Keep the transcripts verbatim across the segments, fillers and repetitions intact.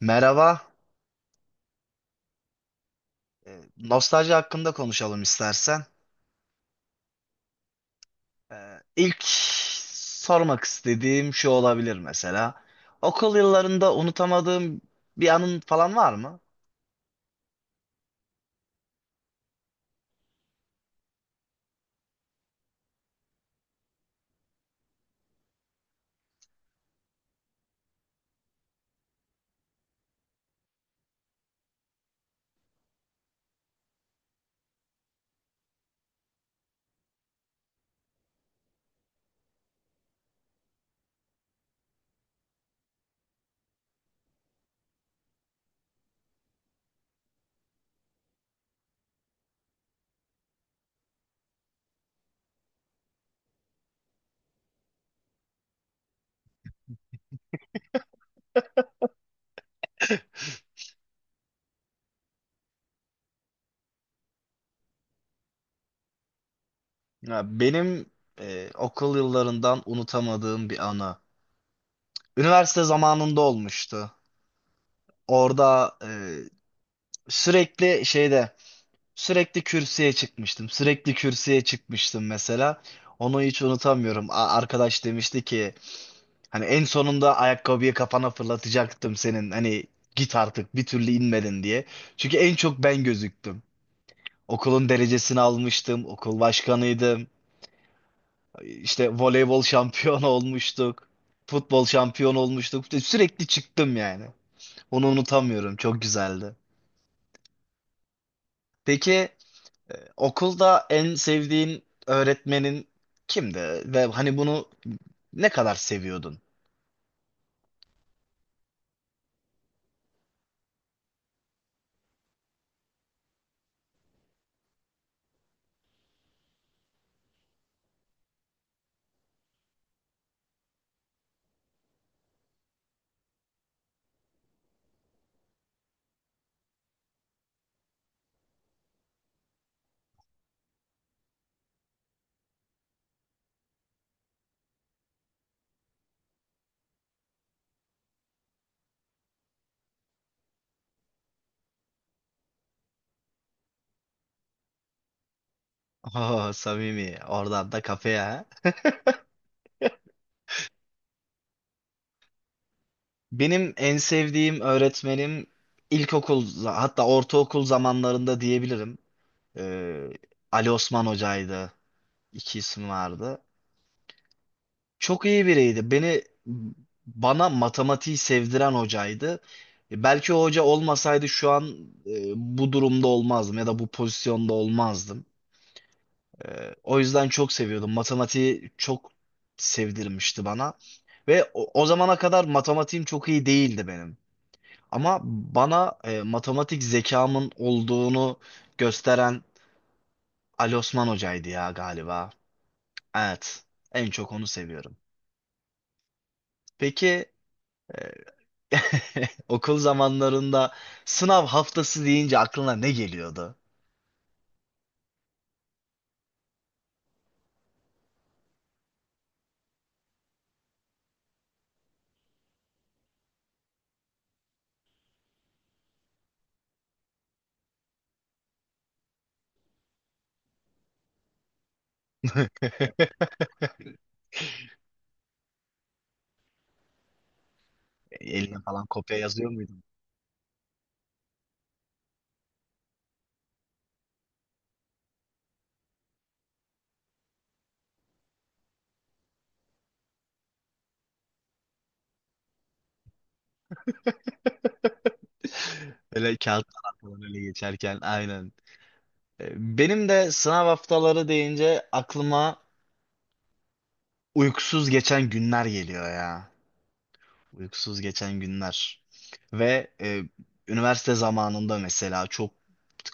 Merhaba. Ee, Nostalji hakkında konuşalım istersen. Ee, İlk sormak istediğim şu olabilir mesela. Okul yıllarında unutamadığım bir anın falan var mı? Ya benim e, okul yıllarından unutamadığım bir anı. Üniversite zamanında olmuştu. Orada e, sürekli şeyde sürekli kürsüye çıkmıştım. Sürekli kürsüye çıkmıştım mesela. Onu hiç unutamıyorum. A- Arkadaş demişti ki, hani en sonunda ayakkabıyı kafana fırlatacaktım senin. Hani git artık, bir türlü inmedin diye. Çünkü en çok ben gözüktüm. Okulun derecesini almıştım. Okul başkanıydım. İşte voleybol şampiyonu olmuştuk. Futbol şampiyonu olmuştuk. İşte sürekli çıktım yani. Onu unutamıyorum. Çok güzeldi. Peki, e, okulda en sevdiğin öğretmenin kimdi? Ve hani bunu ne kadar seviyordun? Oh, samimi. Oradan da kafeye. Benim en sevdiğim öğretmenim ilkokul hatta ortaokul zamanlarında diyebilirim. Ee, Ali Osman Hoca'ydı. İki isim vardı. Çok iyi biriydi. Beni bana matematiği sevdiren hocaydı. E, Belki o hoca olmasaydı şu an e, bu durumda olmazdım ya da bu pozisyonda olmazdım. Ee, o yüzden çok seviyordum. Matematiği çok sevdirmişti bana. Ve o, o zamana kadar matematiğim çok iyi değildi benim. Ama bana e, matematik zekamın olduğunu gösteren Ali Osman Hoca'ydı ya galiba. Evet, en çok onu seviyorum. Peki, e, okul zamanlarında sınav haftası deyince aklına ne geliyordu? Eline falan kopya yazıyor muydun? Böyle kağıttan falan öyle geçerken aynen. E, Benim de sınav haftaları deyince aklıma uykusuz geçen günler geliyor ya. Uykusuz geçen günler. Ve e, üniversite zamanında mesela çok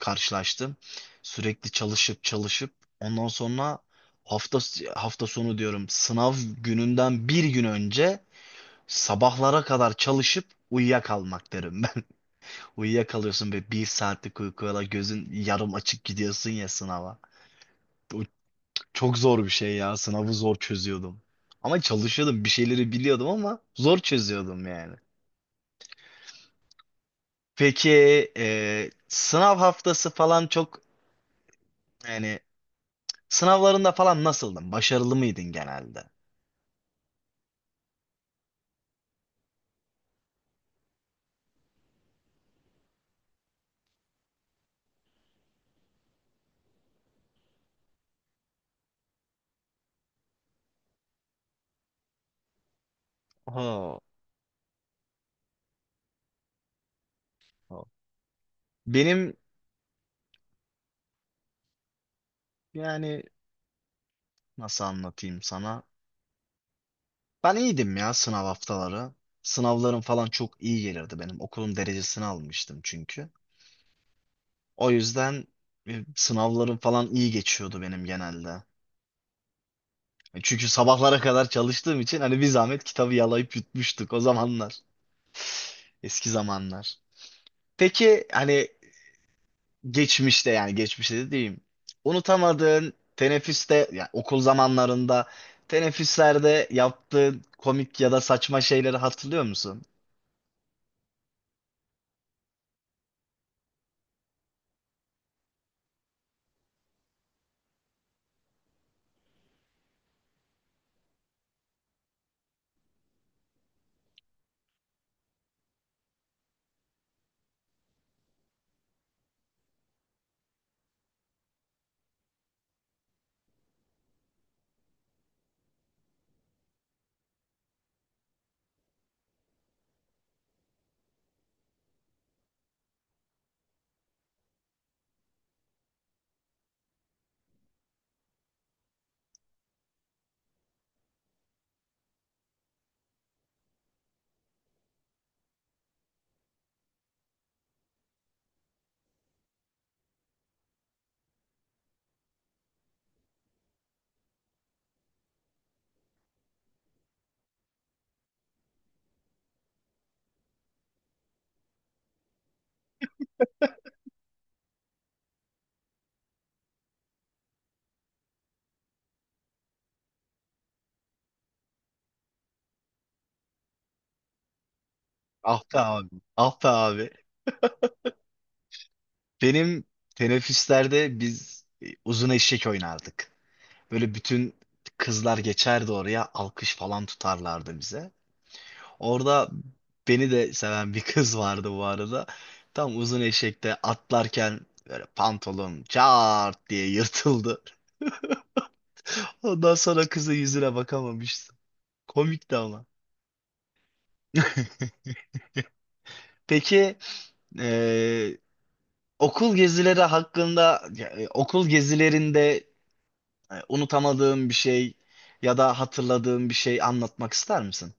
karşılaştım. Sürekli çalışıp çalışıp ondan sonra hafta hafta sonu diyorum, sınav gününden bir gün önce sabahlara kadar çalışıp uyuyakalmak derim ben. Uyuyakalıyorsun ve bir saatlik uykuyla gözün yarım açık gidiyorsun ya sınava. Bu çok zor bir şey ya. Sınavı zor çözüyordum. Ama çalışıyordum, bir şeyleri biliyordum ama zor çözüyordum yani. Peki, e, sınav haftası falan çok, yani sınavlarında falan nasıldın? Başarılı mıydın genelde? Ha, ha. Benim, yani nasıl anlatayım sana? Ben iyiydim ya sınav haftaları. Sınavlarım falan çok iyi gelirdi benim. Okulun derecesini almıştım çünkü. O yüzden e, sınavlarım falan iyi geçiyordu benim genelde. E, Çünkü sabahlara kadar çalıştığım için hani bir zahmet kitabı yalayıp yutmuştuk o zamanlar. Eski zamanlar. Peki hani geçmişte, yani geçmişte de diyeyim, unutamadığın teneffüste, yani okul zamanlarında teneffüslerde yaptığın komik ya da saçma şeyleri hatırlıyor musun? Ah be abi. Ah be abi. Benim teneffüslerde biz e, uzun eşek oynardık. Böyle bütün kızlar geçerdi oraya, alkış falan tutarlardı bize. Orada beni de seven bir kız vardı bu arada. Tam uzun eşekte atlarken böyle pantolon çat diye yırtıldı. Ondan sonra kızın yüzüne bakamamıştım. Komikti ama. Peki eee, okul gezileri hakkında ya, e, okul gezilerinde e, unutamadığın bir şey ya da hatırladığın bir şey anlatmak ister misin?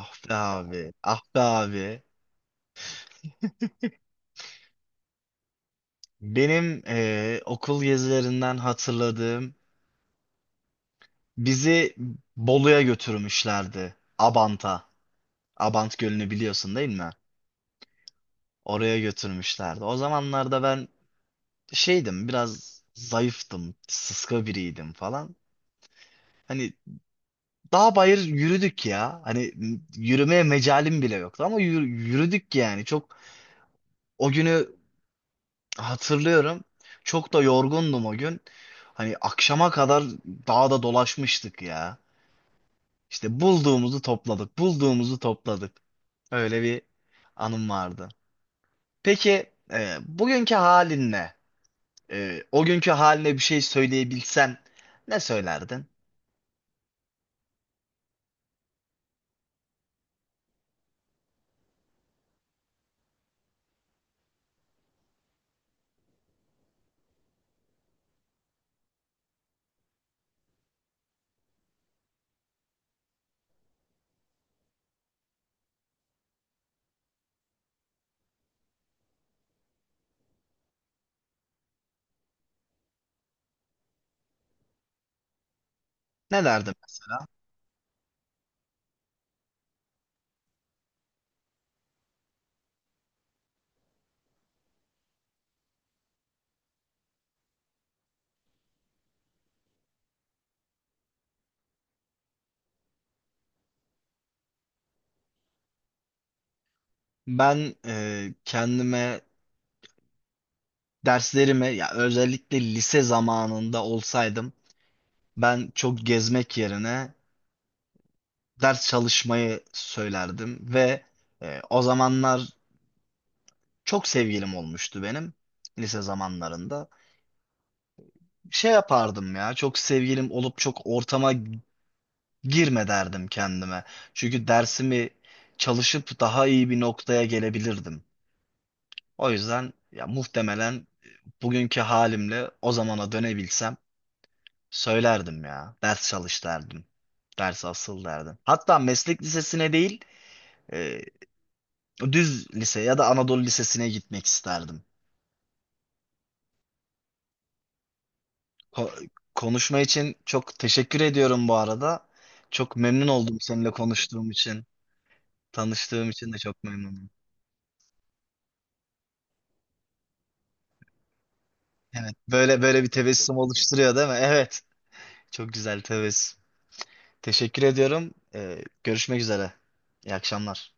Ah be abi, ah be abi. Benim eee, okul gezilerinden hatırladığım, bizi Bolu'ya götürmüşlerdi. Abant'a. Abant Gölü'nü biliyorsun değil mi? Oraya götürmüşlerdi. O zamanlarda ben şeydim, biraz zayıftım, sıska biriydim falan. Hani dağ bayır yürüdük ya. Hani m- yürümeye mecalim bile yoktu ama yür- yürüdük yani. Çok o günü hatırlıyorum. Çok da yorgundum o gün. Hani akşama kadar dağda dolaşmıştık ya. İşte bulduğumuzu topladık, bulduğumuzu topladık. Öyle bir anım vardı. Peki e, bugünkü halinle, e, o günkü haline bir şey söyleyebilsen ne söylerdin? Ne derdin? Ben e, kendime, derslerime ya, özellikle lise zamanında olsaydım ben çok gezmek yerine ders çalışmayı söylerdim ve e, o zamanlar çok sevgilim olmuştu benim lise zamanlarında. Şey yapardım ya, çok sevgilim olup çok ortama girme derdim kendime. Çünkü dersimi çalışıp daha iyi bir noktaya gelebilirdim. O yüzden ya muhtemelen e, bugünkü halimle o zamana dönebilsem söylerdim ya. Ders çalış derdim. Ders asıl derdim. Hatta meslek lisesine değil, e, düz lise ya da Anadolu Lisesi'ne gitmek isterdim. Ko- Konuşma için çok teşekkür ediyorum bu arada. Çok memnun oldum seninle konuştuğum için. Tanıştığım için de çok memnunum. Evet, böyle böyle bir tebessüm oluşturuyor değil mi? Evet, çok güzel tebessüm. Teşekkür ediyorum. E, görüşmek üzere. İyi akşamlar.